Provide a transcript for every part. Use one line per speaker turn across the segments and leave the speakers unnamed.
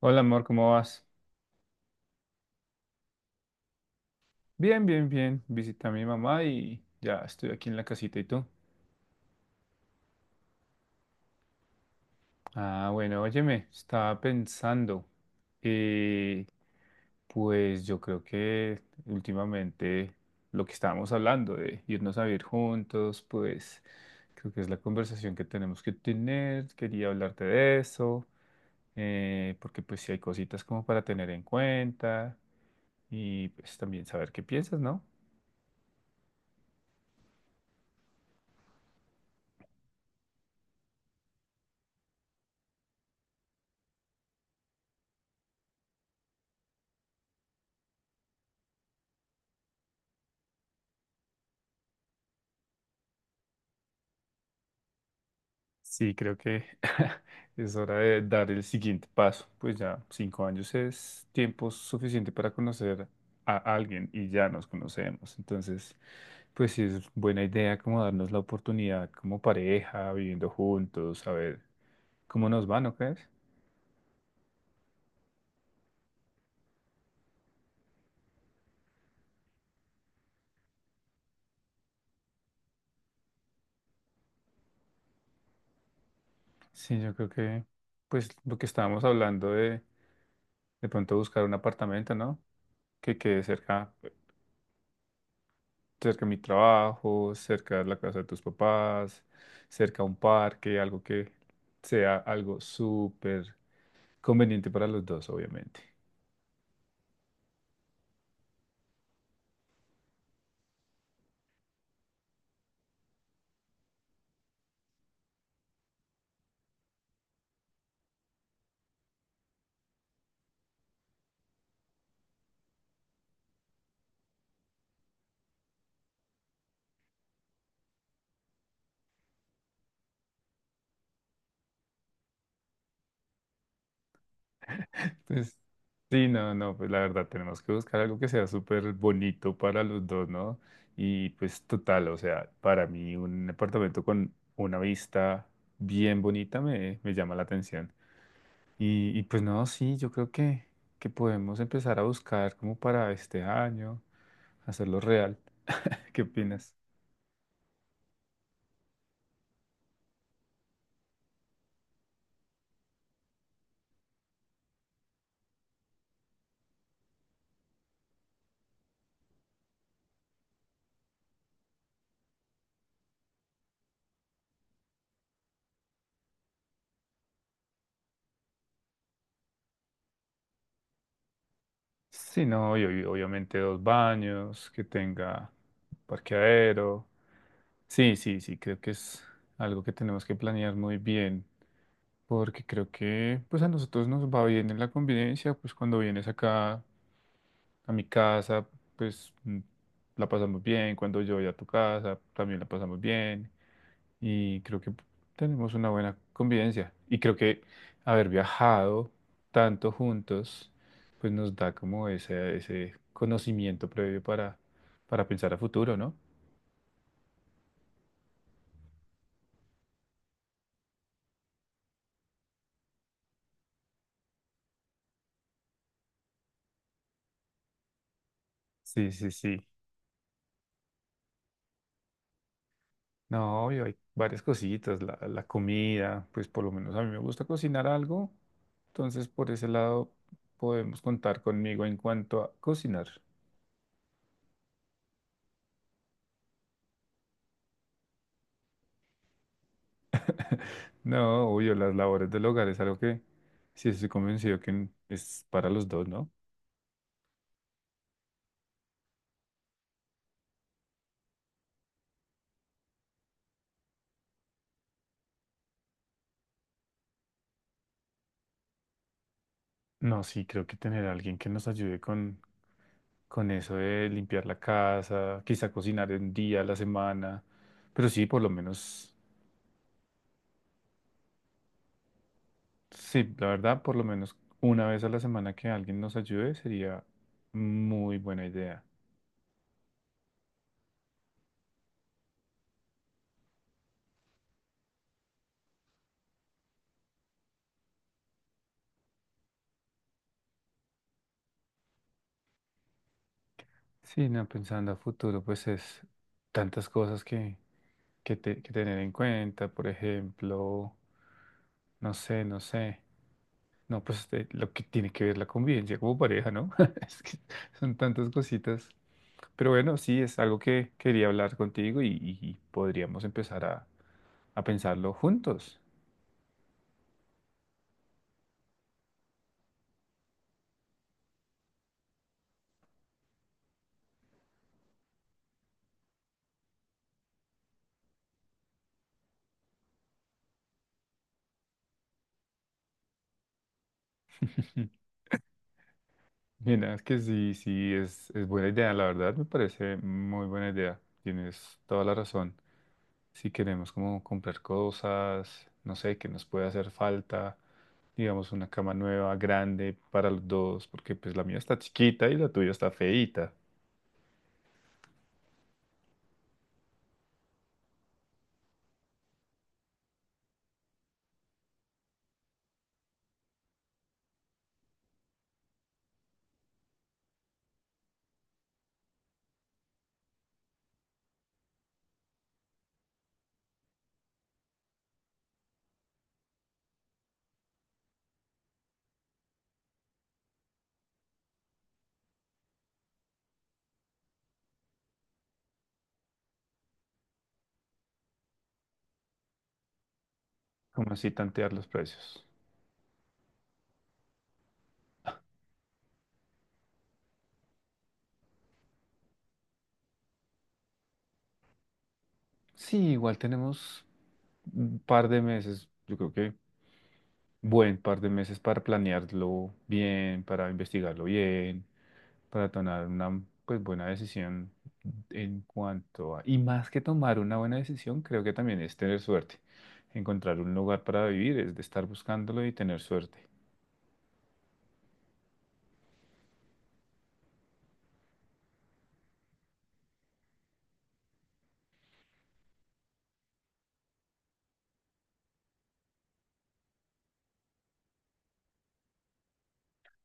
Hola amor, ¿cómo vas? Bien, bien, bien. Visité a mi mamá y ya estoy aquí en la casita. ¿Y tú? Ah, bueno, óyeme, estaba pensando. eh, pues yo creo que últimamente lo que estábamos hablando de irnos a vivir juntos, pues creo que es la conversación que tenemos que tener. Quería hablarte de eso, porque pues sí hay cositas como para tener en cuenta y pues también saber qué piensas, ¿no? Sí, creo que es hora de dar el siguiente paso. Pues ya 5 años es tiempo suficiente para conocer a alguien y ya nos conocemos. Entonces, pues sí es buena idea como darnos la oportunidad como pareja, viviendo juntos, a ver cómo nos va, ¿no crees? Sí, yo creo que pues lo que estábamos hablando de pronto buscar un apartamento, ¿no? Que quede cerca, cerca de mi trabajo, cerca de la casa de tus papás, cerca a un parque, algo que sea algo súper conveniente para los dos, obviamente. Entonces, sí, no, no, pues la verdad tenemos que buscar algo que sea súper bonito para los dos, ¿no? Y pues total, o sea, para mí un apartamento con una vista bien bonita me llama la atención. Y pues no, sí, yo creo que podemos empezar a buscar como para este año, hacerlo real. ¿Qué opinas? Sí, no, y obviamente dos baños, que tenga parqueadero. Sí, sí, sí, creo que es algo que tenemos que planear muy bien, porque creo que pues a nosotros nos va bien en la convivencia, pues cuando vienes acá, a mi casa, pues la pasamos bien. Cuando yo voy a tu casa, también la pasamos bien. Y creo que tenemos una buena convivencia. Y creo que haber viajado tanto juntos, pues nos da como ese conocimiento previo para pensar a futuro, ¿no? Sí, sí, sí. No, obvio, hay varias cositas. La comida, pues por lo menos a mí me gusta cocinar algo. Entonces, por ese lado, podemos contar conmigo en cuanto a cocinar. No, obvio, las labores del hogar es algo que sí estoy convencido que es para los dos, ¿no? No, sí, creo que tener a alguien que nos ayude con eso de limpiar la casa, quizá cocinar un día a la semana, pero sí, por lo menos, sí, la verdad, por lo menos una vez a la semana que alguien nos ayude sería muy buena idea. Sí, no, pensando a futuro, pues es tantas cosas que tener en cuenta, por ejemplo, no sé, no sé. No, pues este, lo que tiene que ver la convivencia como pareja, ¿no? Es que son tantas cositas. Pero bueno, sí, es algo que quería hablar contigo y podríamos empezar a pensarlo juntos. Mira, es que sí, sí, es buena idea, la verdad me parece muy buena idea. Tienes toda la razón. Si queremos como comprar cosas, no sé, que nos puede hacer falta, digamos una cama nueva, grande para los dos, porque pues la mía está chiquita y la tuya está feíta. Como así tantear los precios? Sí, igual tenemos un par de meses, yo creo que buen par de meses para planearlo bien, para investigarlo bien, para tomar una pues buena decisión en cuanto a… Y más que tomar una buena decisión, creo que también es tener suerte. Encontrar un lugar para vivir es de estar buscándolo y tener suerte.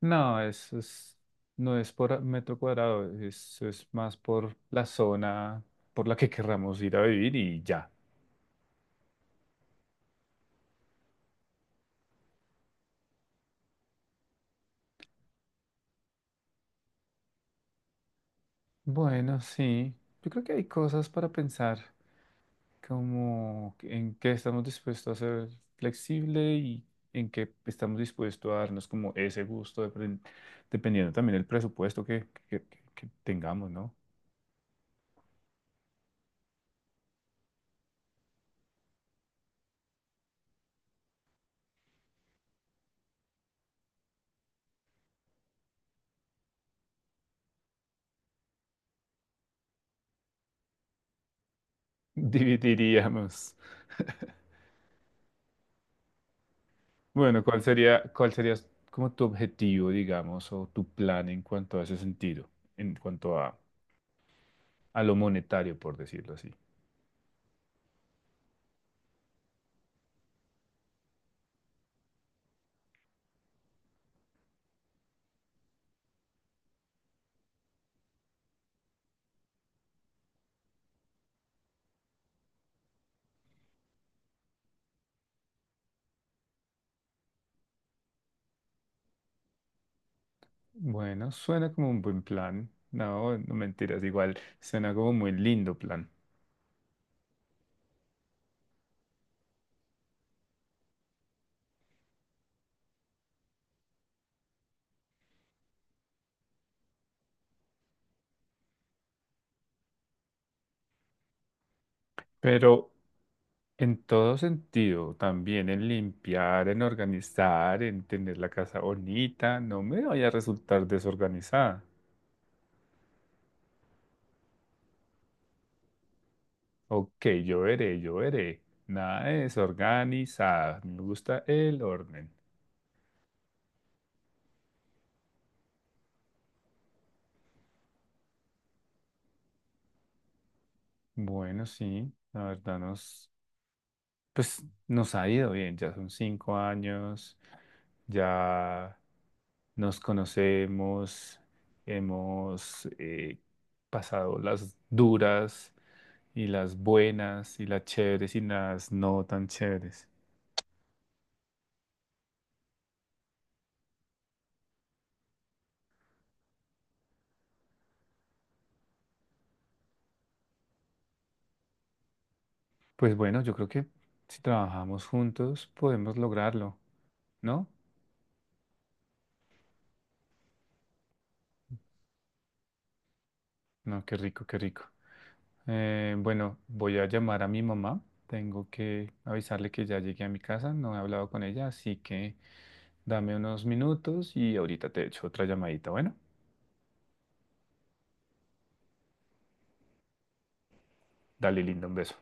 No, eso es, no es por metro cuadrado, eso es más por la zona por la que querramos ir a vivir y ya. Bueno, sí. Yo creo que hay cosas para pensar, como en qué estamos dispuestos a ser flexible y en qué estamos dispuestos a darnos como ese gusto, dependiendo también del presupuesto que tengamos, ¿no? Dividiríamos. Bueno, ¿cuál sería como tu objetivo, digamos, o tu plan en cuanto a ese sentido, en cuanto a lo monetario, por decirlo así? Bueno, suena como un buen plan. No, no mentiras, igual suena como un muy lindo plan. Pero en todo sentido, también en limpiar, en organizar, en tener la casa bonita, no me vaya a resultar desorganizada. Ok, yo veré, yo veré. Nada de desorganizada. Me gusta el orden. Bueno, sí, la verdad nos, pues nos ha ido bien. Ya son 5 años. Ya, nos conocemos, hemos pasado las duras y las buenas y las chéveres y las no tan chéveres. Pues bueno, yo creo que si trabajamos juntos podemos lograrlo, ¿no? No, qué rico, qué rico. Bueno, voy a llamar a mi mamá. Tengo que avisarle que ya llegué a mi casa, no he hablado con ella, así que dame unos minutos y ahorita te echo otra llamadita. Bueno, dale, linda, un beso.